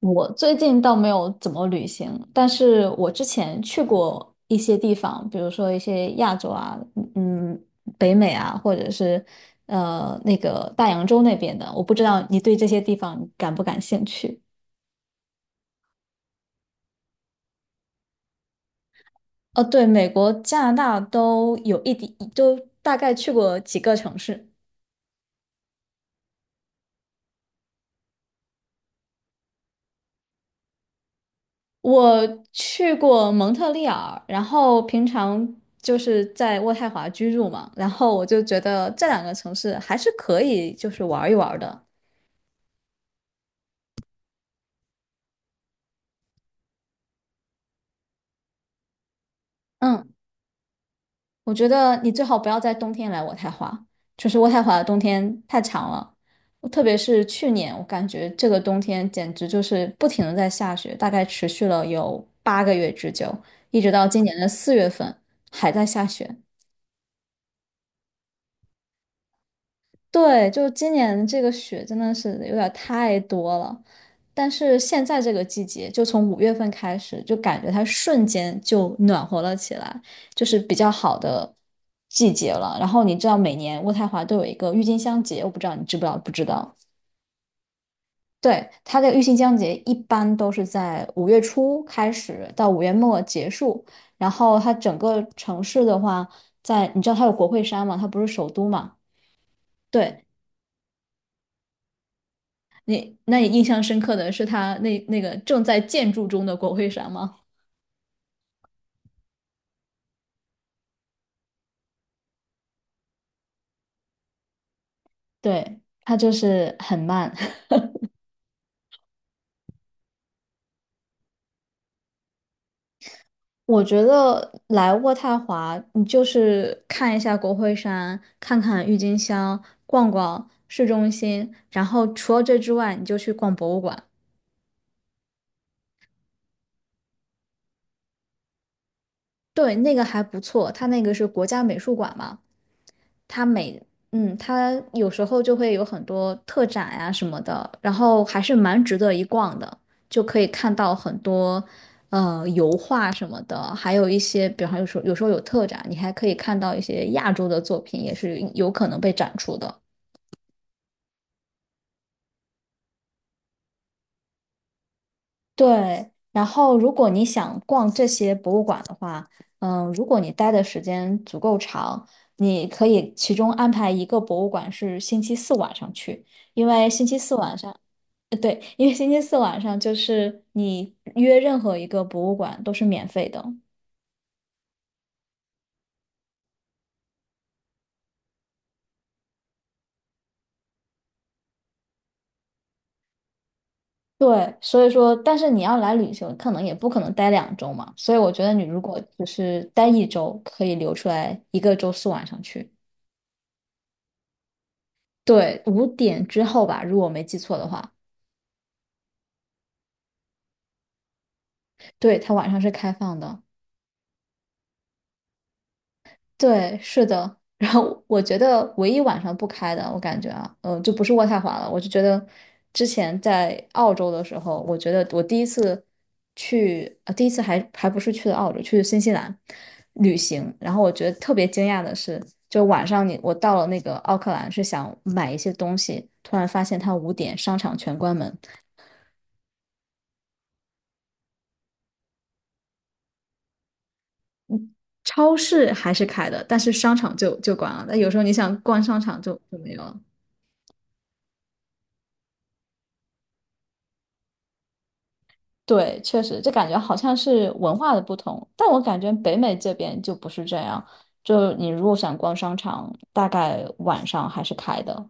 我最近倒没有怎么旅行，但是我之前去过一些地方，比如说一些亚洲啊，嗯，北美啊，或者是那个大洋洲那边的，我不知道你对这些地方感不感兴趣？哦，对，美国、加拿大都有一点，都大概去过几个城市。我去过蒙特利尔，然后平常就是在渥太华居住嘛，然后我就觉得这两个城市还是可以，就是玩一玩的。嗯，我觉得你最好不要在冬天来渥太华，就是渥太华的冬天太长了，我特别是去年，我感觉这个冬天简直就是不停的在下雪，大概持续了有8个月之久，一直到今年的4月份还在下雪。对，就今年这个雪真的是有点儿太多了，但是现在这个季节，就从5月份开始，就感觉它瞬间就暖和了起来，就是比较好的季节了。然后你知道，每年渥太华都有一个郁金香节，我不知道你知不知道？不知道。对，它的郁金香节一般都是在5月初开始到5月末结束，然后它整个城市的话，在你知道它有国会山嘛，它不是首都嘛。对，那你印象深刻的是他那个正在建筑中的国会山吗？对，他就是很慢。我觉得来渥太华，你就是看一下国会山，看看郁金香，逛逛市中心，然后除了这之外，你就去逛博物馆。对，那个还不错，它那个是国家美术馆嘛。它每嗯，它有时候就会有很多特展呀、什么的，然后还是蛮值得一逛的，就可以看到很多油画什么的，还有一些，比方有时候有特展，你还可以看到一些亚洲的作品，也是有可能被展出的。对，然后如果你想逛这些博物馆的话，如果你待的时间足够长，你可以其中安排一个博物馆是星期四晚上去。因为星期四晚上，对，因为星期四晚上就是你约任何一个博物馆都是免费的。对，所以说，但是你要来旅行，可能也不可能待2周嘛。所以我觉得你如果只是待1周，可以留出来一个周四晚上去。对，五点之后吧，如果我没记错的话，对，它晚上是开放的。对，是的。然后我觉得唯一晚上不开的，我感觉啊，就不是渥太华了。我就觉得之前在澳洲的时候，我觉得我第一次去，啊，第一次还不是去的澳洲，去新西兰旅行。然后我觉得特别惊讶的是，就晚上我到了那个奥克兰，是想买一些东西，突然发现它五点商场全关门，超市还是开的，但是商场就关了。那有时候你想逛商场就没有了。对，确实，这感觉好像是文化的不同，但我感觉北美这边就不是这样。就你如果想逛商场，大概晚上还是开的。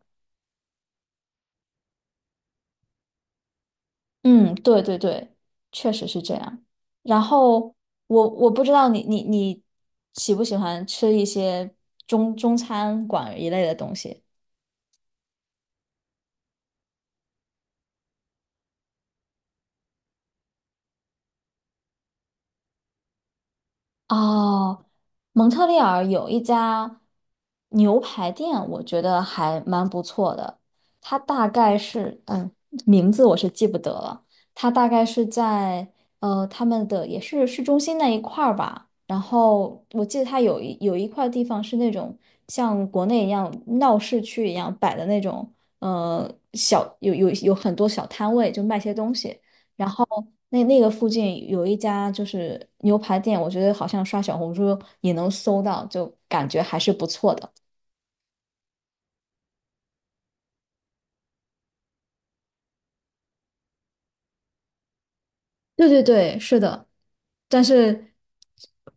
嗯，对对对，确实是这样。然后我不知道你喜不喜欢吃一些中餐馆一类的东西。哦，蒙特利尔有一家牛排店，我觉得还蛮不错的。它大概是，名字我是记不得了。它大概是在他们的也是市中心那一块儿吧。然后我记得它有一块地方是那种像国内一样闹市区一样摆的那种，小有有有很多小摊位，就卖些东西。然后那个附近有一家就是牛排店，我觉得好像刷小红书也能搜到，就感觉还是不错的。对对对，是的。但是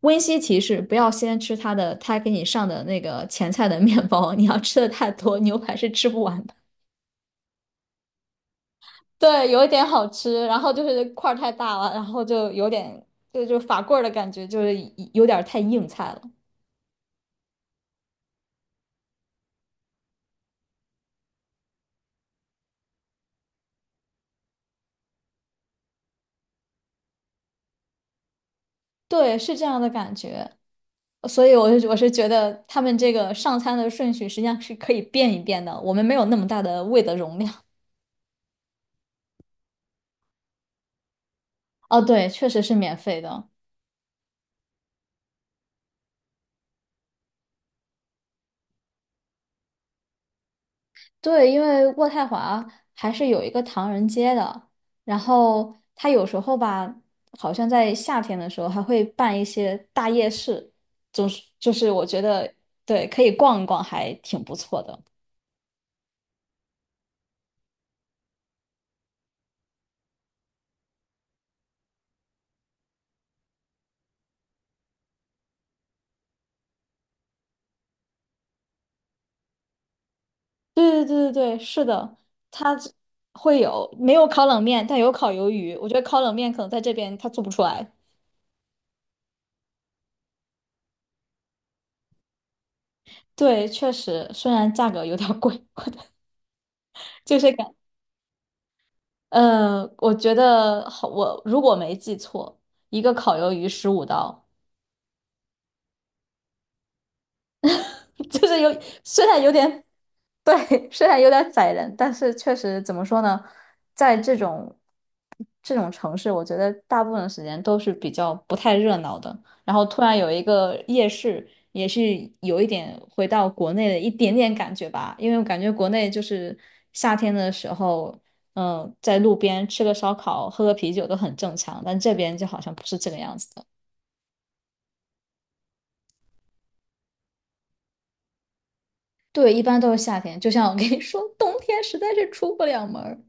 温馨提示，不要先吃他的，他给你上的那个前菜的面包，你要吃的太多，牛排是吃不完的。对，有一点好吃，然后就是块儿太大了，然后就有点就法棍儿的感觉，就是有点儿太硬菜了。对，是这样的感觉。所以我是觉得他们这个上餐的顺序实际上是可以变一变的，我们没有那么大的胃的容量。哦，对，确实是免费的。对，因为渥太华还是有一个唐人街的，然后他有时候吧，好像在夏天的时候还会办一些大夜市，总是就是我觉得对，可以逛一逛，还挺不错的。对对对对对，是的，它这会有没有烤冷面，但有烤鱿鱼。我觉得烤冷面可能在这边它做不出来。对，确实，虽然价格有点儿贵，我的就是感，我觉得好，我如果没记错，一个烤鱿鱼15刀，就是有虽然有点对，虽然有点宰人，但是确实怎么说呢，在这种城市，我觉得大部分时间都是比较不太热闹的。然后突然有一个夜市，也是有一点回到国内的一点点感觉吧，因为我感觉国内就是夏天的时候。在路边吃个烧烤、喝个啤酒都很正常，但这边就好像不是这个样子。的。对，一般都是夏天。就像我跟你说，冬天实在是出不了门儿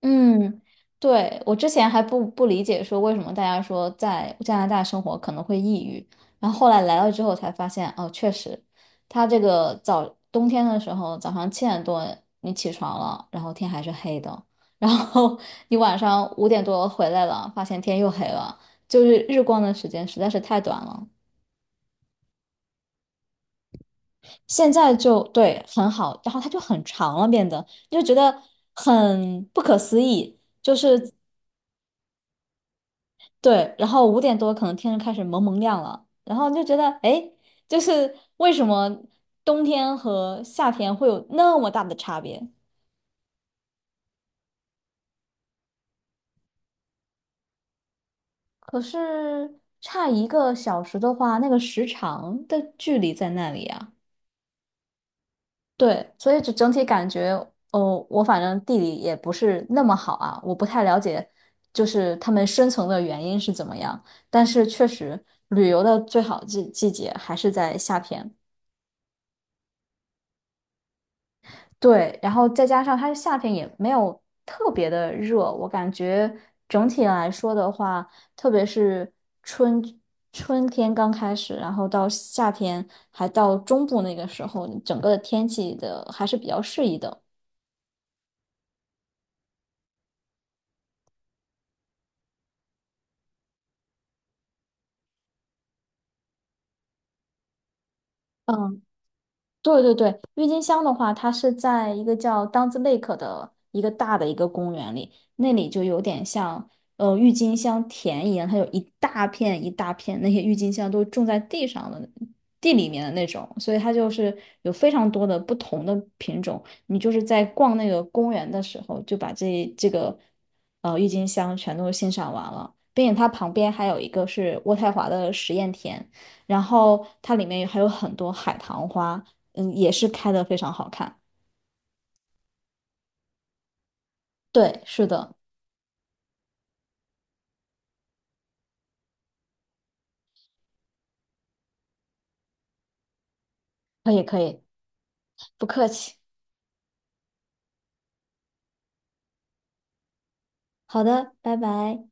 嗯，对，我之前还不理解，说为什么大家说在加拿大生活可能会抑郁，然后后来来了之后才发现，哦，确实，它这个早冬天的时候，早上7点多你起床了，然后天还是黑的，然后 你晚上5点多回来了，发现天又黑了，就是日光的时间实在是太短了。现在就对很好，然后它就很长了，变得你就觉得很不可思议，就是对，然后五点多可能天就开始蒙蒙亮了，然后你就觉得哎，诶就是为什么冬天和夏天会有那么大的差别？可是差1个小时的话，那个时长的距离在那里啊。对，所以就整体感觉，哦，我反正地理也不是那么好啊，我不太了解，就是他们深层的原因是怎么样。但是确实，旅游的最好季节还是在夏天。对，然后再加上它夏天也没有特别的热，我感觉整体来说的话，特别是春春天刚开始，然后到夏天还到中部那个时候，整个的天气的还是比较适宜的。嗯。对对对，郁金香的话，它是在一个叫 Duns Lake 的一个大的一个公园里，那里就有点像郁金香田一样，它有一大片一大片，那些郁金香都种在地上的地里面的那种，所以它就是有非常多的不同的品种。你就是在逛那个公园的时候，就把这个郁金香全都欣赏完了，并且它旁边还有一个是渥太华的实验田。然后它里面还有很多海棠花，也是开的非常好看。对，是的，可以可以，不客气。好的，拜拜。